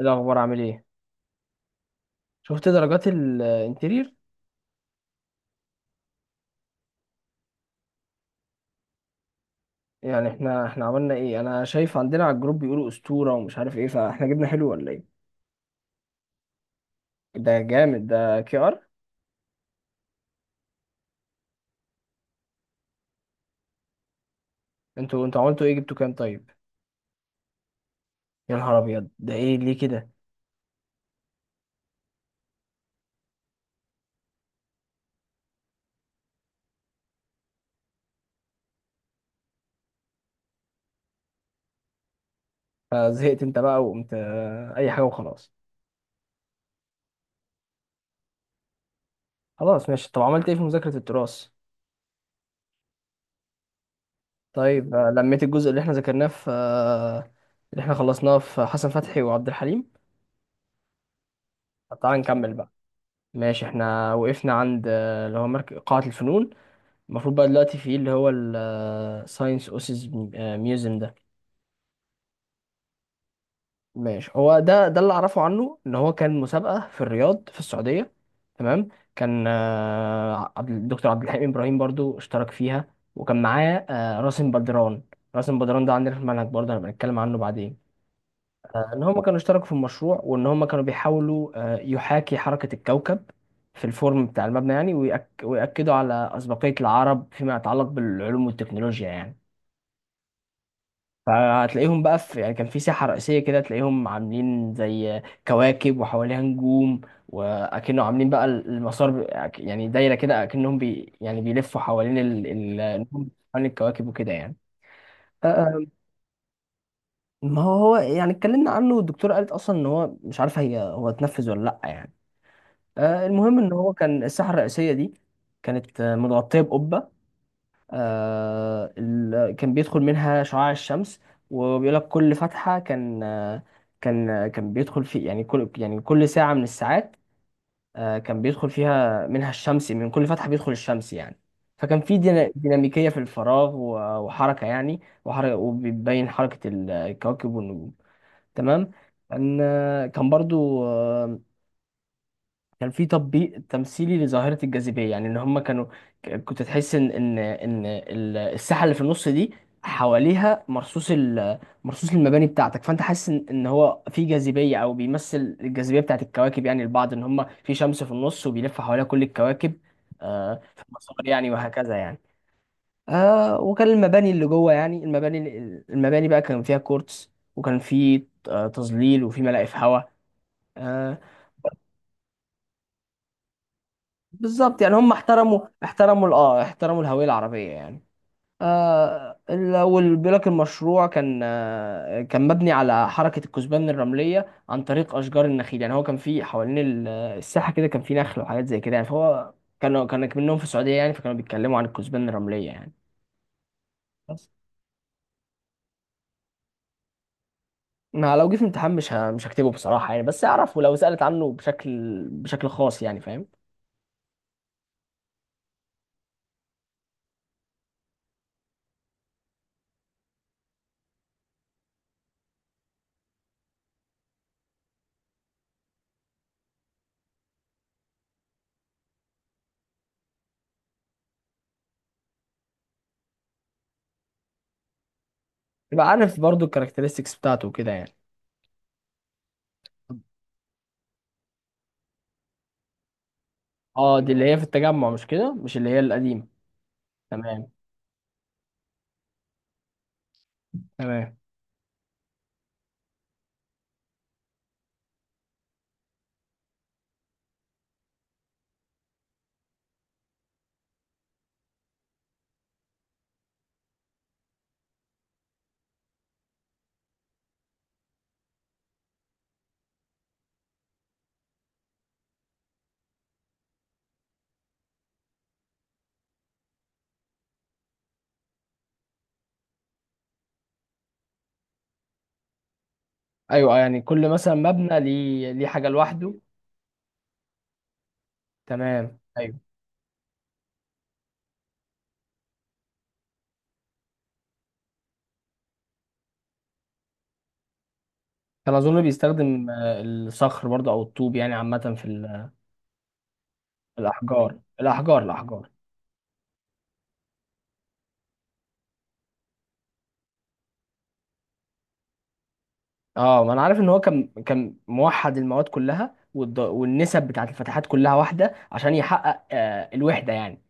الأخبار عامل إيه؟ شفت درجات الانتيرير؟ يعني إحنا عملنا إيه؟ أنا شايف عندنا على الجروب بيقولوا أسطورة ومش عارف إيه، فإحنا جبنا حلو ولا إيه؟ ده جامد، ده كي آر؟ أنتوا عملتوا إيه، جبتوا كام طيب؟ يا نهار أبيض، ده إيه ليه كده؟ فزهقت أنت بقى وقمت أي حاجة وخلاص. خلاص ماشي. طب عملت إيه في مذاكرة التراث؟ طيب، لميت الجزء اللي إحنا ذاكرناه في آه، اللي إحنا خلصناه في حسن فتحي وعبد الحليم؟ طب تعالى نكمل بقى. ماشي، إحنا وقفنا عند اللي هو مركز قاعة الفنون. المفروض بقى دلوقتي في ايه اللي هو الساينس اوسيس ميوزيوم ده. ماشي، هو ده اللي اعرفه عنه ان هو كان مسابقه في الرياض في السعوديه. تمام. كان الدكتور عبد الحليم ابراهيم برضو اشترك فيها، وكان معاه راسم بدران. راسم بدران ده عندنا في المنهج برضه، هنبقى نتكلم عنه بعدين. ان هما كانوا اشتركوا في المشروع، وان هما كانوا بيحاولوا يحاكي حركه الكوكب في الفورم بتاع المبنى يعني، ويأكدوا على أسبقية العرب فيما يتعلق بالعلوم والتكنولوجيا يعني. فهتلاقيهم بقى في يعني، كان في ساحة رئيسية كده تلاقيهم عاملين زي كواكب وحواليها نجوم، وأكنه عاملين بقى يعني دايرة كده، أكنهم يعني بيلفوا حوالين النجوم، حوالين الكواكب وكده يعني. آه، ما هو يعني اتكلمنا عنه، والدكتورة قالت أصلا إن هو مش عارفة هي هو اتنفذ ولا لأ يعني. المهم إن هو كان الساحة الرئيسية دي كانت متغطية بقبة. كان بيدخل منها شعاع الشمس، وبيقول لك كل فتحة كان بيدخل في يعني كل يعني كل ساعة من الساعات. كان بيدخل فيها منها الشمس، من كل فتحة بيدخل الشمس يعني. فكان في ديناميكية في الفراغ وحركة يعني، وحركة، وبيبين حركة الكواكب والنجوم. تمام. كان آه، كان برضو آه، كان في تطبيق تمثيلي لظاهرة الجاذبية، يعني ان هم كانوا كنت تحس ان ان الساحة اللي في النص دي حواليها مرصوص مرصوص المباني بتاعتك، فانت حاسس إن هو في جاذبية، او بيمثل الجاذبية بتاعت الكواكب، يعني البعض ان هم في شمس في النص وبيلف حواليها كل الكواكب في المسار يعني، وهكذا يعني. آه، وكان المباني اللي جوه، يعني المباني بقى كان فيها كورتس، وكان في تظليل، وفي ملاقف هواء. بالظبط يعني، هم احترموا احترموا الهوية العربية يعني. والبلاك المشروع كان كان مبني على حركة الكثبان الرملية عن طريق أشجار النخيل يعني. هو كان في حوالين الساحة كده، كان في نخل وحاجات زي كده يعني، فهو كان منهم في السعودية يعني، فكانوا بيتكلموا عن الكثبان الرملية يعني. بس ما لو جه في امتحان مش هكتبه بصراحة يعني، بس أعرفه لو سألت عنه بشكل خاص يعني، فاهم. يبقى عارف برضو الكاركترستكس بتاعته وكده يعني. اه، دي اللي هي في التجمع، مش كده، مش اللي هي القديمة. تمام تمام. ايوه، يعني كل مثلا مبنى ليه حاجه لوحده. تمام، ايوه. كان اظن بيستخدم الصخر برضه، او الطوب يعني عامه، في في الاحجار. اه، ما انا عارف ان هو كان موحد المواد كلها، والنسب بتاعت الفتحات كلها واحده، عشان يحقق الوحده يعني،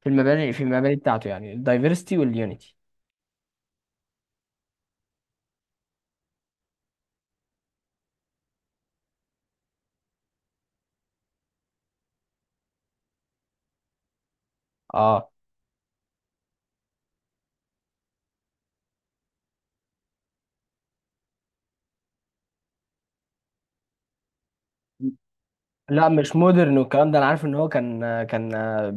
في المباني بتاعته، يعني الدايفرستي واليونيتي. اه، لا، مش مودرن والكلام ده، انا عارف ان هو كان كان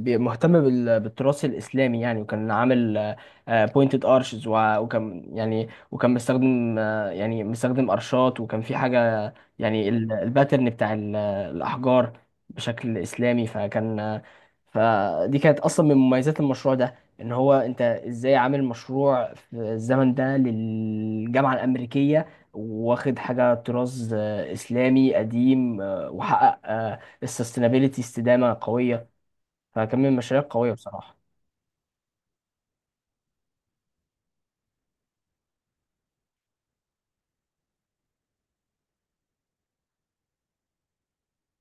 بي- مهتم بالتراث الاسلامي يعني، وكان عامل بوينتد ارشز، وكان يعني وكان مستخدم آه، يعني مستخدم ارشات، وكان في حاجه، يعني الباترن بتاع الاحجار بشكل اسلامي. فكان آه، فدي كانت اصلا من مميزات المشروع ده، ان هو انت ازاي عامل مشروع في الزمن ده للجامعه الامريكيه، واخد حاجه طراز اسلامي قديم، وحقق السستينابيلتي استدامه قويه. فكان من المشاريع القويه بصراحه.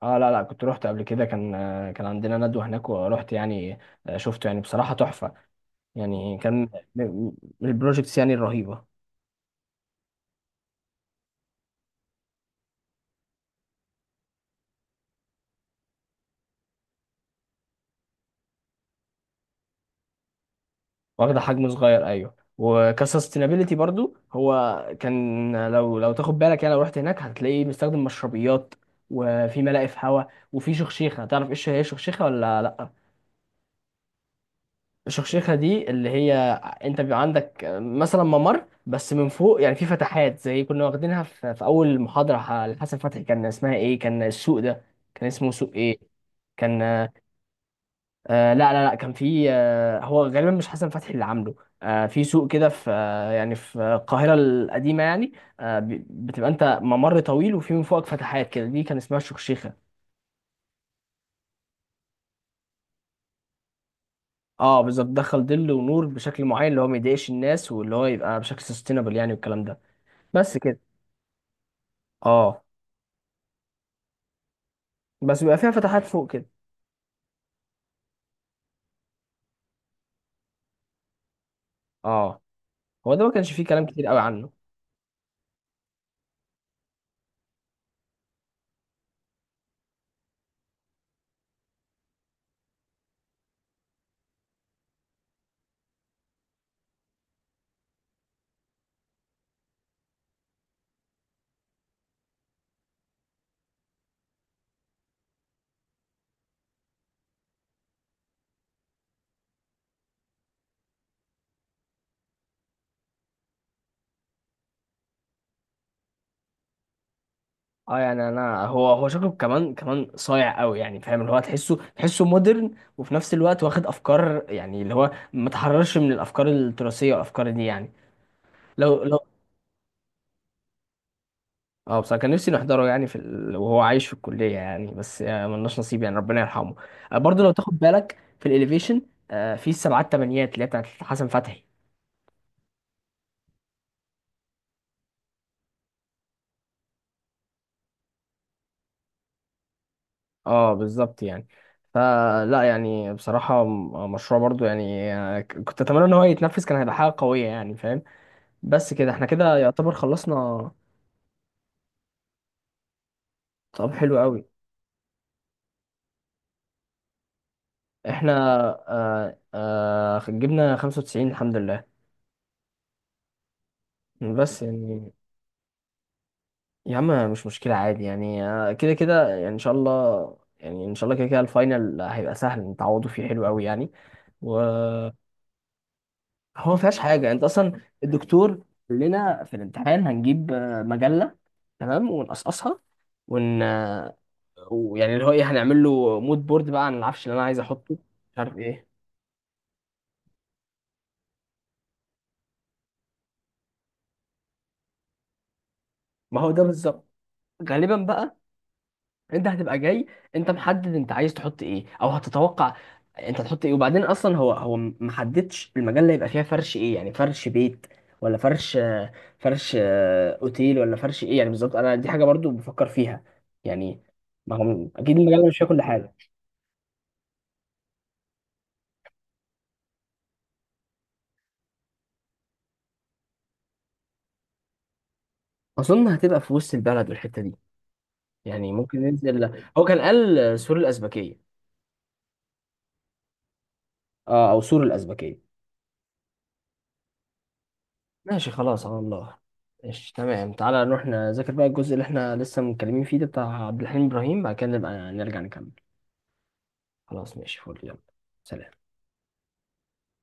اه، لا لا، كنت رحت قبل كده. كان عندنا ندوه هناك، ورحت يعني. شفته يعني، بصراحه تحفه يعني. كان من من البروجكتس يعني الرهيبه. واخده حجم صغير، ايوه. وكسستينابيلتي برضو هو كان، لو تاخد بالك يعني، لو رحت هناك هتلاقيه بيستخدم مشربيات، وفي ملاقف هواء، وفي شخشيخه. تعرف ايش هي الشخشيخه ولا لا؟ الشخشيخة دي اللي هي، انت بيبقى عندك مثلا ممر بس، من فوق يعني في فتحات زي كنا واخدينها في اول محاضرة لحسن فتحي، كان اسمها ايه، كان السوق ده كان اسمه سوق ايه كان. لا لا لا، كان في هو غالبا مش حسن فتحي اللي عامله. آه، في سوق كده في آه يعني في القاهرة القديمة يعني. بتبقى انت ممر طويل، وفي من فوقك فتحات كده، دي كان اسمها الشخشيخة. اه بالظبط، دخل ظل ونور بشكل معين، اللي هو ما يضايقش الناس، واللي هو يبقى بشكل سستينابل يعني والكلام ده. بس كده. اه، بس بيبقى فيها فتحات فوق كده. اه، هو ده، ما كانش فيه كلام كتير قوي عنه. اه يعني، انا هو شكله كمان كمان صايع قوي يعني، فاهم، اللي هو تحسه مودرن، وفي نفس الوقت واخد افكار، يعني اللي هو ما تحررش من الافكار التراثيه والافكار دي يعني. لو لو اه بصراحه، كان نفسي نحضره يعني، وهو عايش في الكليه يعني، بس ملناش نصيب يعني، ربنا يرحمه. برضه لو تاخد بالك في الاليفيشن، في السبعات تمانيات اللي هي بتاعت حسن فتحي. اه بالظبط يعني، فلا يعني بصراحة، مشروع برضو يعني، كنت اتمنى ان هو يتنفذ، كان هيبقى حاجة قوية يعني، فاهم. بس كده، احنا كده يعتبر خلصنا. طب حلو قوي. احنا جبنا 95 الحمد لله، بس يعني. يا عم مش مشكلة، عادي يعني. كده كده يعني، ان شاء الله يعني، ان شاء الله كده كده الفاينل هيبقى سهل، نتعوضوا فيه حلو قوي يعني. و، هو ما فيهاش حاجه يعني، انت اصلا الدكتور قال لنا في الامتحان هنجيب مجله، تمام، ونقصقصها، ون آه، ويعني اللي هو ايه، هنعمل له مود بورد بقى عن العفش اللي انا عايز احطه. مش عارف ايه. ما هو ده بالظبط. غالبا بقى انت هتبقى جاي، انت محدد انت عايز تحط ايه، او هتتوقع انت هتحط ايه. وبعدين اصلا هو محددش المجال اللي هيبقى فيها فرش ايه، يعني فرش بيت ولا فرش اوتيل، ولا فرش ايه يعني بالظبط. انا دي حاجه برضو بفكر فيها يعني، ما هو اكيد المجال مش فيها كل حاجه. اظن هتبقى في وسط البلد والحته دي يعني، ممكن ننزل، هو كان قال سور الازبكيه. اه، او سور الازبكيه، ماشي، خلاص على الله. ماشي تمام، تعالى نروح نذاكر بقى الجزء اللي احنا لسه متكلمين فيه ده بتاع عبد الحليم إبراهيم، بعد كده نبقى نرجع نكمل. خلاص ماشي، فل، يلا سلام.